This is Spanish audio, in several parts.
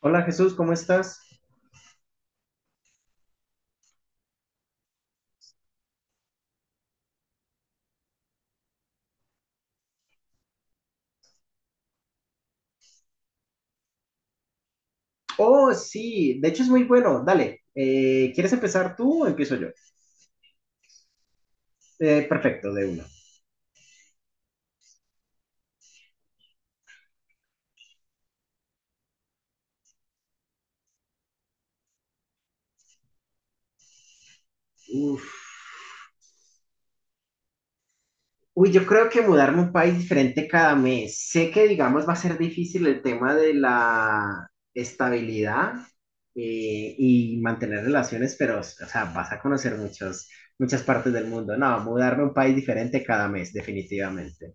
Hola Jesús, ¿cómo estás? Oh, sí, de hecho es muy bueno. Dale, ¿quieres empezar tú o empiezo yo? Perfecto, de una. Uf. Uy, yo creo que mudarme a un país diferente cada mes. Sé que, digamos, va a ser difícil el tema de la estabilidad, y mantener relaciones, pero, o sea, vas a conocer muchas partes del mundo. No, mudarme a un país diferente cada mes, definitivamente.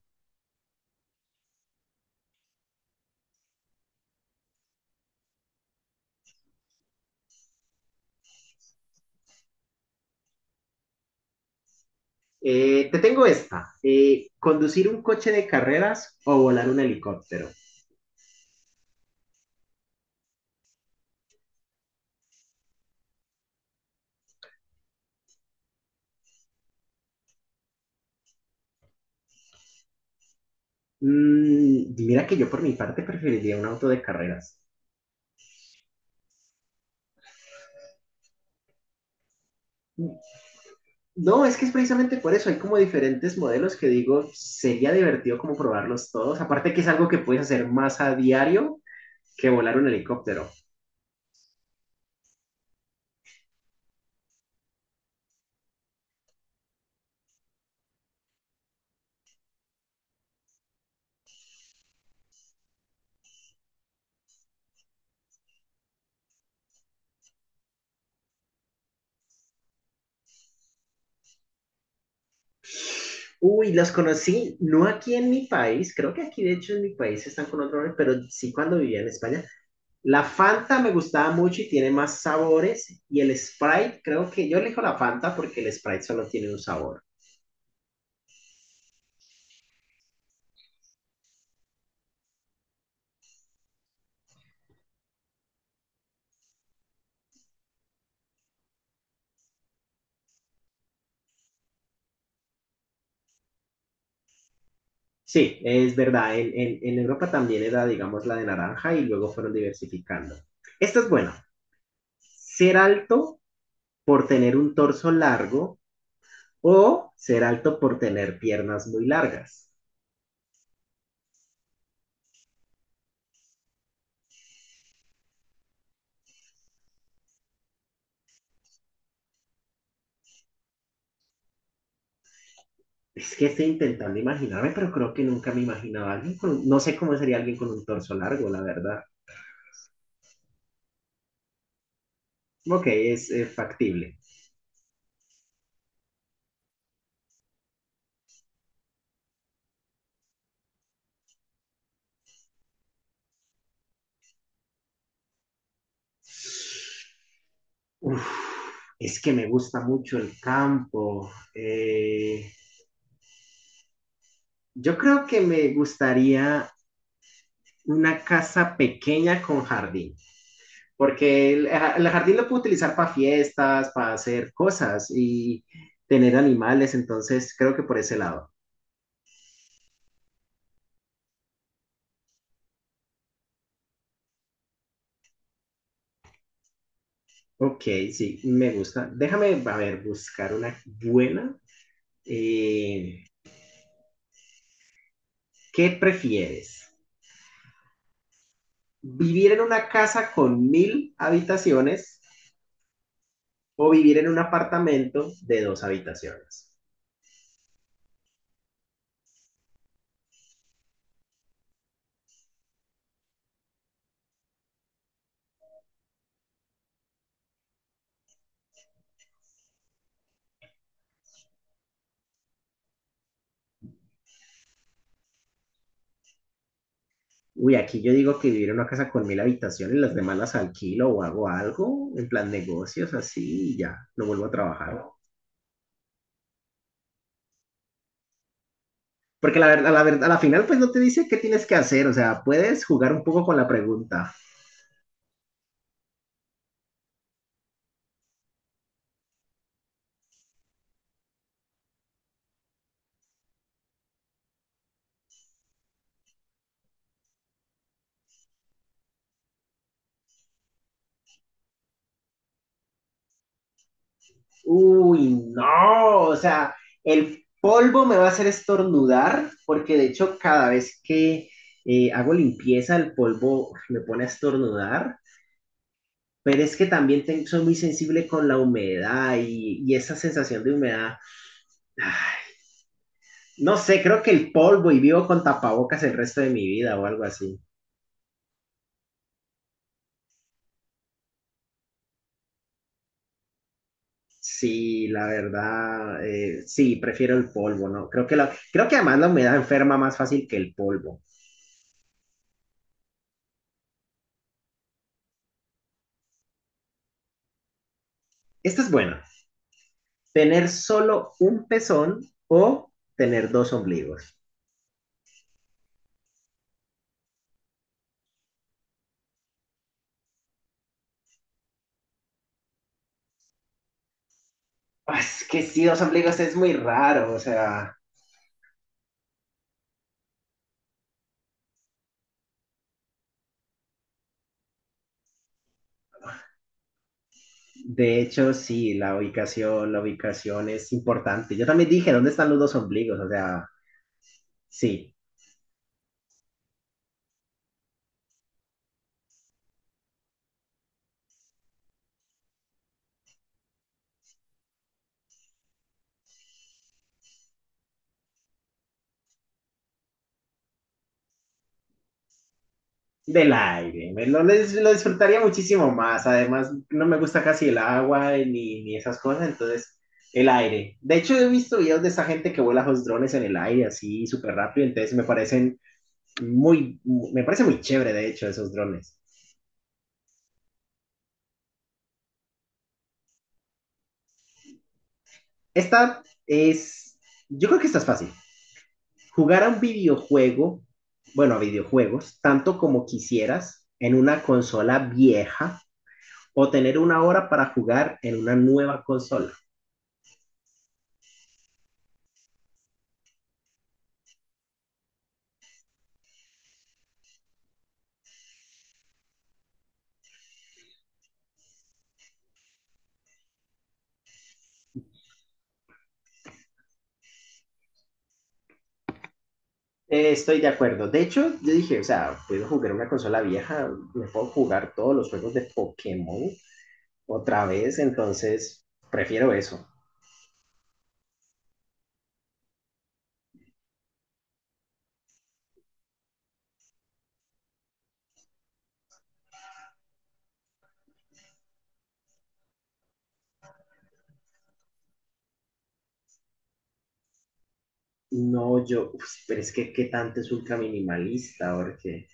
Te tengo esta. ¿Conducir un coche de carreras o volar un helicóptero? Mm, mira que yo por mi parte preferiría un auto de carreras. No, es que es precisamente por eso, hay como diferentes modelos que digo, sería divertido como probarlos todos, aparte que es algo que puedes hacer más a diario que volar un helicóptero. Uy, los conocí, no aquí en mi país, creo que aquí de hecho en mi país están con otro nombre, pero sí cuando vivía en España. La Fanta me gustaba mucho y tiene más sabores, y el Sprite, creo que yo elijo la Fanta porque el Sprite solo tiene un sabor. Sí, es verdad. En Europa también era, digamos, la de naranja y luego fueron diversificando. Esto es bueno. Ser alto por tener un torso largo o ser alto por tener piernas muy largas. Es que estoy intentando imaginarme, pero creo que nunca me imaginaba a alguien con, no sé cómo sería alguien con un torso largo, la verdad. Ok, es, factible. Uf, es que me gusta mucho el campo. Yo creo que me gustaría una casa pequeña con jardín, porque el jardín lo puedo utilizar para fiestas, para hacer cosas y tener animales, entonces creo que por ese lado. Ok, sí, me gusta. Déjame, a ver, buscar una buena. Eh, ¿Qué prefieres? ¿Vivir en una casa con 1000 habitaciones o vivir en un apartamento de dos habitaciones? Uy, aquí yo digo que vivir en una casa con mil habitaciones, las demás las alquilo o hago algo, en plan negocios, así, y ya, no vuelvo a trabajar. Porque la verdad, a la final, pues no te dice qué tienes que hacer, o sea, puedes jugar un poco con la pregunta. Uy, no, o sea, el polvo me va a hacer estornudar, porque de hecho, cada vez que hago limpieza, el polvo me pone a estornudar, pero es que también tengo, soy muy sensible con la humedad y esa sensación de humedad. Ah, no sé, creo que el polvo y vivo con tapabocas el resto de mi vida o algo así. Sí, la verdad, sí, prefiero el polvo, ¿no? Creo que además la humedad enferma más fácil que el polvo. Esta es buena. ¿Tener solo un pezón o tener dos ombligos? Ah, es que sí, dos ombligos es muy raro, o sea, de hecho, sí, la ubicación es importante. Yo también dije, ¿dónde están los dos ombligos? O sea, sí, del aire, lo disfrutaría muchísimo más. Además, no me gusta casi el agua, ni esas cosas, entonces el aire. De hecho, he visto videos de esa gente que vuela los drones en el aire así súper rápido, entonces muy, me parece muy chévere, de hecho, esos drones. Esta es, yo creo que esta es fácil. Jugar a un videojuego, bueno, a videojuegos, tanto como quisieras en una consola vieja, o tener una hora para jugar en una nueva consola. Estoy de acuerdo. De hecho, yo dije, o sea, puedo jugar una consola vieja, me puedo jugar todos los juegos de Pokémon otra vez, entonces prefiero eso. No, yo, uf, pero es que qué tanto es ultra minimalista, porque,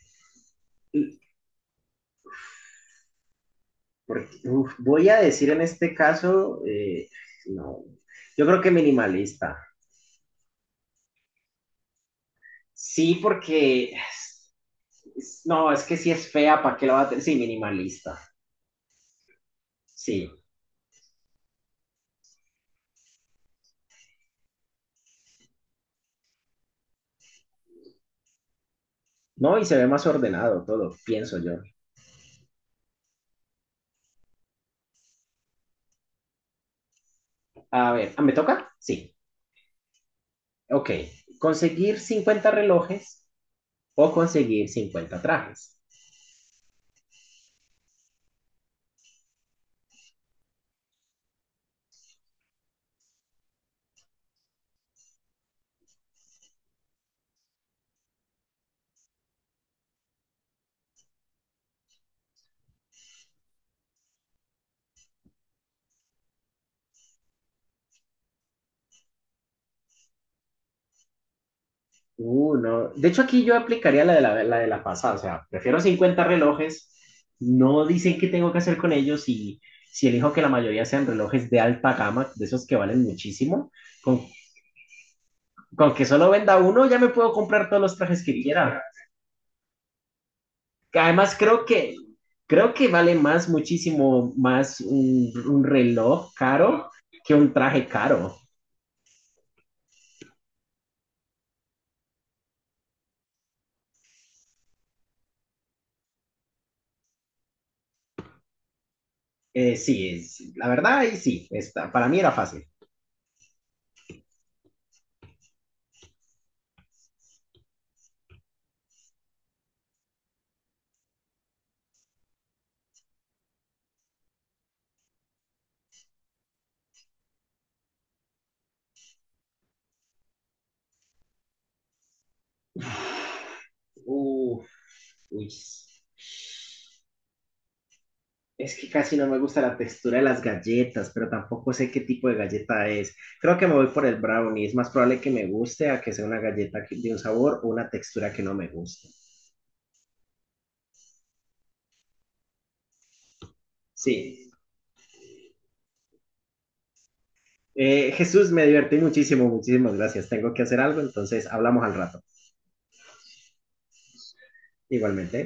porque uf, voy a decir en este caso, no, yo creo que minimalista. Sí, no, es que si es fea, ¿para qué la va a tener? Sí, minimalista, sí. No, y se ve más ordenado todo, pienso yo. A ver, ah, ¿me toca? Sí. Ok. Conseguir 50 relojes o conseguir 50 trajes. No. De hecho, aquí yo aplicaría la de la pasada. O sea, prefiero 50 relojes. No dicen qué tengo que hacer con ellos y si elijo que la mayoría sean relojes de alta gama, de esos que valen muchísimo, con, con que solo venda uno ya me puedo comprar todos los trajes que quiera. Que además, creo que vale más, muchísimo más un reloj caro que un traje caro. Sí, la verdad, ahí sí, está, para mí era fácil. Uf, uy. Es que casi no me gusta la textura de las galletas, pero tampoco sé qué tipo de galleta es. Creo que me voy por el brownie. Es más probable que me guste a que sea una galleta de un sabor o una textura que no me guste. Sí. Jesús, me divertí muchísimo, muchísimas gracias. Tengo que hacer algo, entonces hablamos al rato. Igualmente.